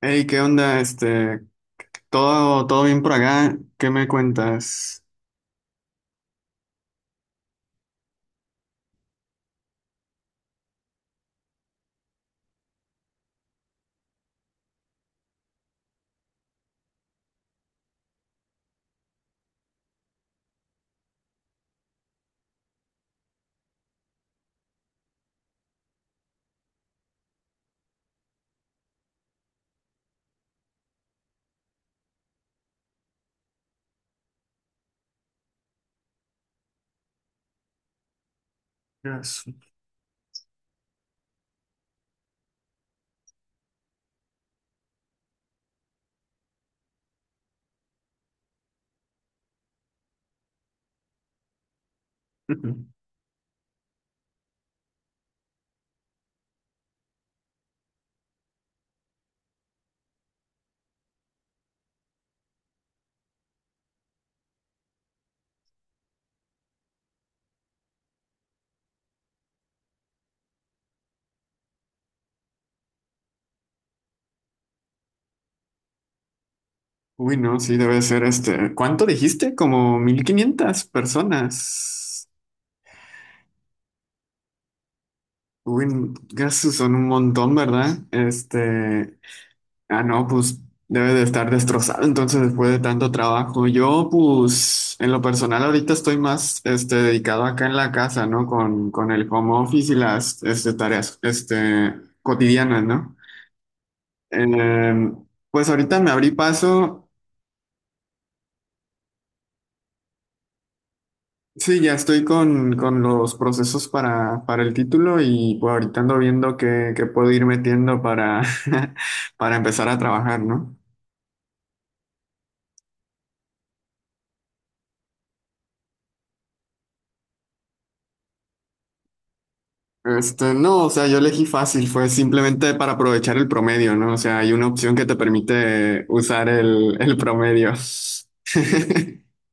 Hey, ¿qué onda? Todo bien por acá. ¿Qué me cuentas? Yes. Ujú. Uy, no, sí, debe ser este. ¿Cuánto dijiste? Como 1500 personas. Uy, gasos son un montón, ¿verdad? No, pues debe de estar destrozado entonces después de tanto trabajo. Yo, pues, en lo personal ahorita estoy más, este, dedicado acá en la casa, ¿no? Con el home office y las, este, tareas, este, cotidianas, ¿no? Eh, pues ahorita me abrí paso. Sí, ya estoy con los procesos para el título y pues ahorita ando viendo qué puedo ir metiendo para, para empezar a trabajar, ¿no? Este, no, o sea, yo elegí fácil, fue simplemente para aprovechar el promedio, ¿no? O sea, hay una opción que te permite usar el promedio.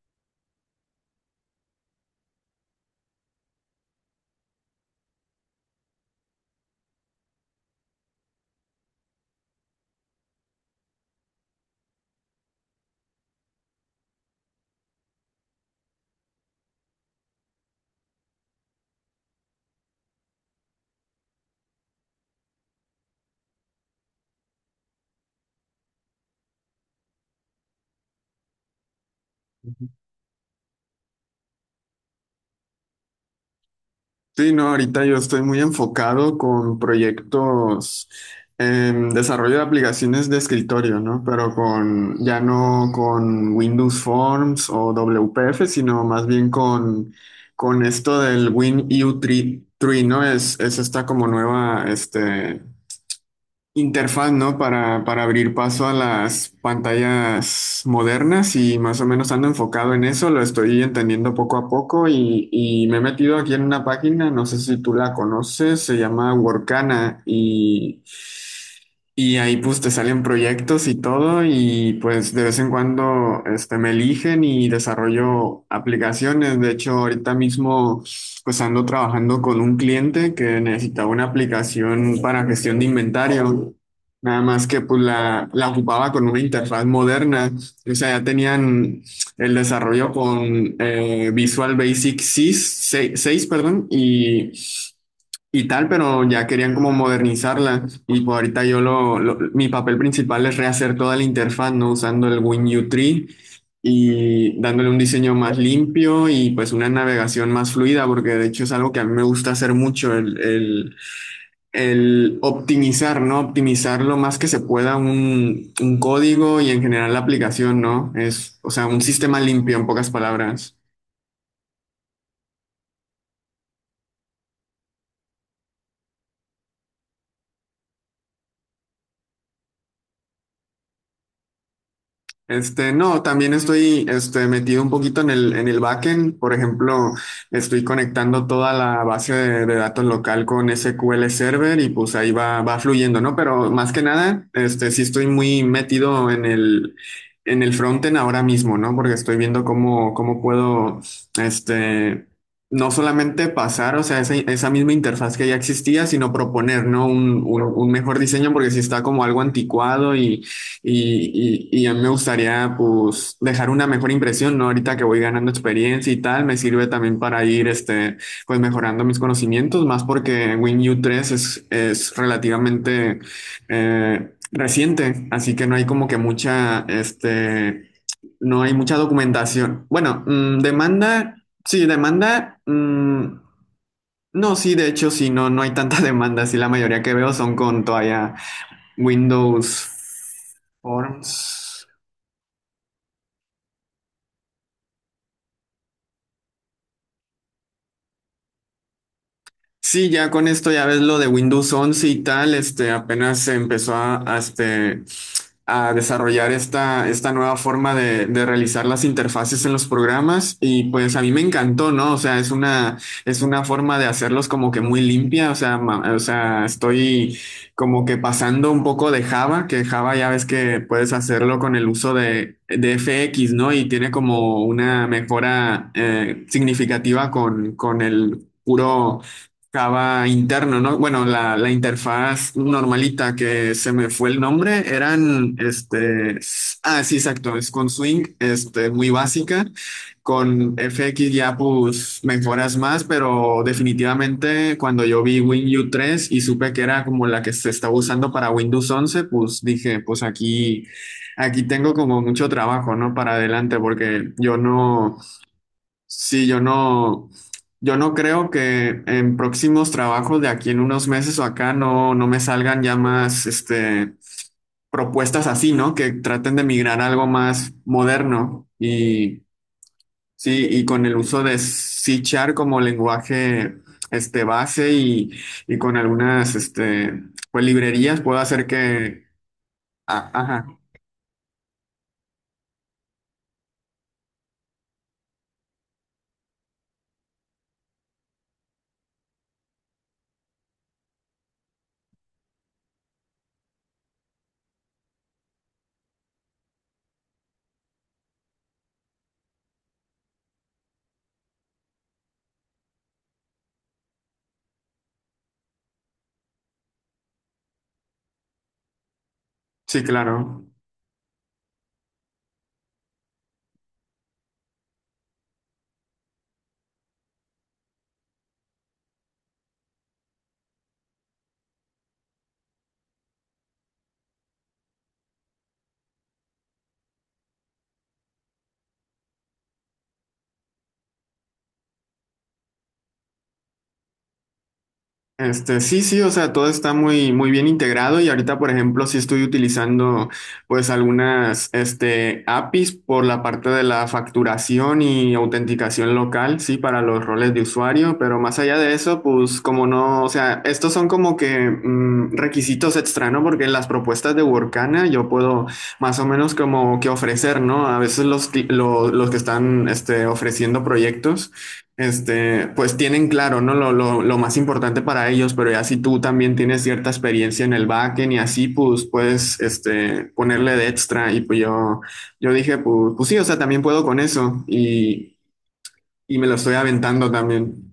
Sí, no, ahorita yo estoy muy enfocado con proyectos en desarrollo de aplicaciones de escritorio, ¿no? Ya no con Windows Forms o WPF, sino más bien con esto del WinU3, ¿no? Es esta como nueva, este, interfaz, ¿no? Para abrir paso a las pantallas modernas y más o menos ando enfocado en eso, lo estoy entendiendo poco a poco y me he metido aquí en una página, no sé si tú la conoces, se llama Workana y ahí pues te salen proyectos y todo y pues de vez en cuando este, me eligen y desarrollo aplicaciones, de hecho ahorita mismo pues ando trabajando con un cliente que necesitaba una aplicación para gestión de inventario. Nada más que pues la ocupaba con una interfaz moderna. O sea, ya tenían el desarrollo con Visual Basic 6, perdón, y tal, pero ya querían como modernizarla. Y pues ahorita yo mi papel principal es rehacer toda la interfaz, ¿no? Usando el WinU3 y dándole un diseño más limpio y pues una navegación más fluida, porque de hecho es algo que a mí me gusta hacer mucho, el optimizar, ¿no? Optimizar lo más que se pueda un código y en general la aplicación, ¿no? Es, o sea, un sistema limpio en pocas palabras. Este, no, también estoy este, metido un poquito en el backend. Por ejemplo, estoy conectando toda la base de datos local con SQL Server y pues ahí va fluyendo, ¿no? Pero más que nada, este, sí estoy muy metido en el frontend ahora mismo, ¿no? Porque estoy viendo cómo puedo, este, no solamente pasar, o sea, esa misma interfaz que ya existía, sino proponer, ¿no? Un mejor diseño porque sí está como algo anticuado y a mí me gustaría pues dejar una mejor impresión, ¿no? Ahorita que voy ganando experiencia y tal, me sirve también para ir este, pues mejorando mis conocimientos, más porque WinU tres es relativamente reciente, así que no hay como que mucha, este, no hay mucha documentación. Bueno, mm, demanda, sí, demanda, mm, no, sí, de hecho, sí, no, no hay tanta demanda, sí, la mayoría que veo son con todavía Windows Forms. Sí, ya con esto ya ves lo de Windows once y tal, este, apenas se empezó a desarrollar esta nueva forma de realizar las interfaces en los programas y pues a mí me encantó, ¿no? O sea, es una forma de hacerlos como que muy limpia, o sea, estoy como que pasando un poco de Java, que Java ya ves que puedes hacerlo con el uso de FX, ¿no? Y tiene como una mejora significativa con el... Puro, Java interno, ¿no? Bueno, la interfaz normalita que se me fue el nombre, eran, sí, exacto, es con Swing, este, muy básica, con FX ya pues mejoras más, pero definitivamente cuando yo vi WinU tres y supe que era como la que se estaba usando para Windows once pues dije, aquí tengo como mucho trabajo, ¿no? Para adelante, porque yo no... Sí, yo no creo que en próximos trabajos de aquí en unos meses o acá no, no me salgan ya más este, propuestas así, ¿no? Que traten de migrar a algo más moderno y sí, y con el uso de C como lenguaje este, base y con algunas este, pues, librerías puedo hacer que. Ah, ajá, sí, claro. Este, sí, sí, o sea, todo está muy, muy bien integrado y ahorita, por ejemplo, sí estoy utilizando pues algunas, este, APIs por la parte de la facturación y autenticación local, sí, para los roles de usuario, pero más allá de eso, pues como no, o sea, estos son como que mm, requisitos extra, ¿no? Porque las propuestas de Workana yo puedo más o menos como que ofrecer, ¿no? A veces los que están, este, ofreciendo proyectos. Este, pues tienen claro, ¿no? Lo más importante para ellos, pero ya si tú también tienes cierta experiencia en el backend y así, pues puedes, este, ponerle de extra. Y pues yo dije, pues sí, o sea, también puedo con eso y me lo estoy aventando también.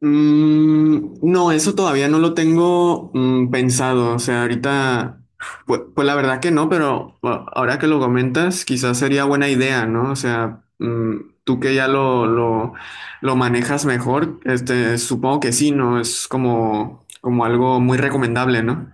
Mm, no, eso todavía no lo tengo pensado. O sea, ahorita, pues, pues la verdad que no, pero bueno, ahora que lo comentas, quizás sería buena idea, ¿no? O sea, mm, tú que ya lo manejas mejor, este, supongo que sí, ¿no? Es como, como algo muy recomendable, ¿no?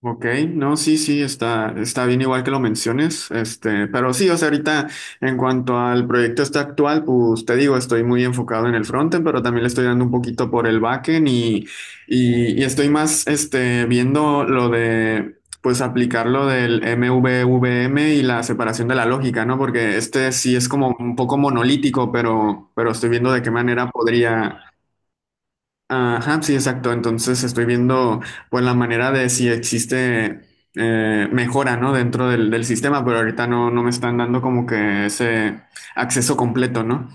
Ok, no, está, está bien igual que lo menciones, este, pero sí, o sea, ahorita en cuanto al proyecto este actual, pues te digo, estoy muy enfocado en el frontend, pero también le estoy dando un poquito por el backend y estoy más, este, viendo lo de, pues aplicar lo del MVVM y la separación de la lógica, ¿no? Porque este sí es como un poco monolítico, pero estoy viendo de qué manera podría. Ajá, sí, exacto. Entonces estoy viendo pues la manera de si existe mejora, ¿no? Dentro del sistema, pero ahorita no, no me están dando como que ese acceso completo, ¿no?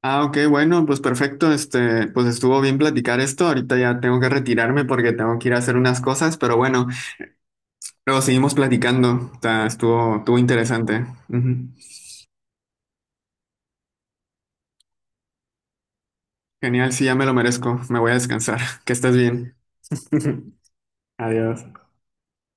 Ah, ok, bueno, pues perfecto. Este, pues estuvo bien platicar esto. Ahorita ya tengo que retirarme porque tengo que ir a hacer unas cosas, pero bueno, luego seguimos platicando. O sea, estuvo interesante. Ujú. Genial, sí, ya me lo merezco. Me voy a descansar. Que estés bien. Adiós.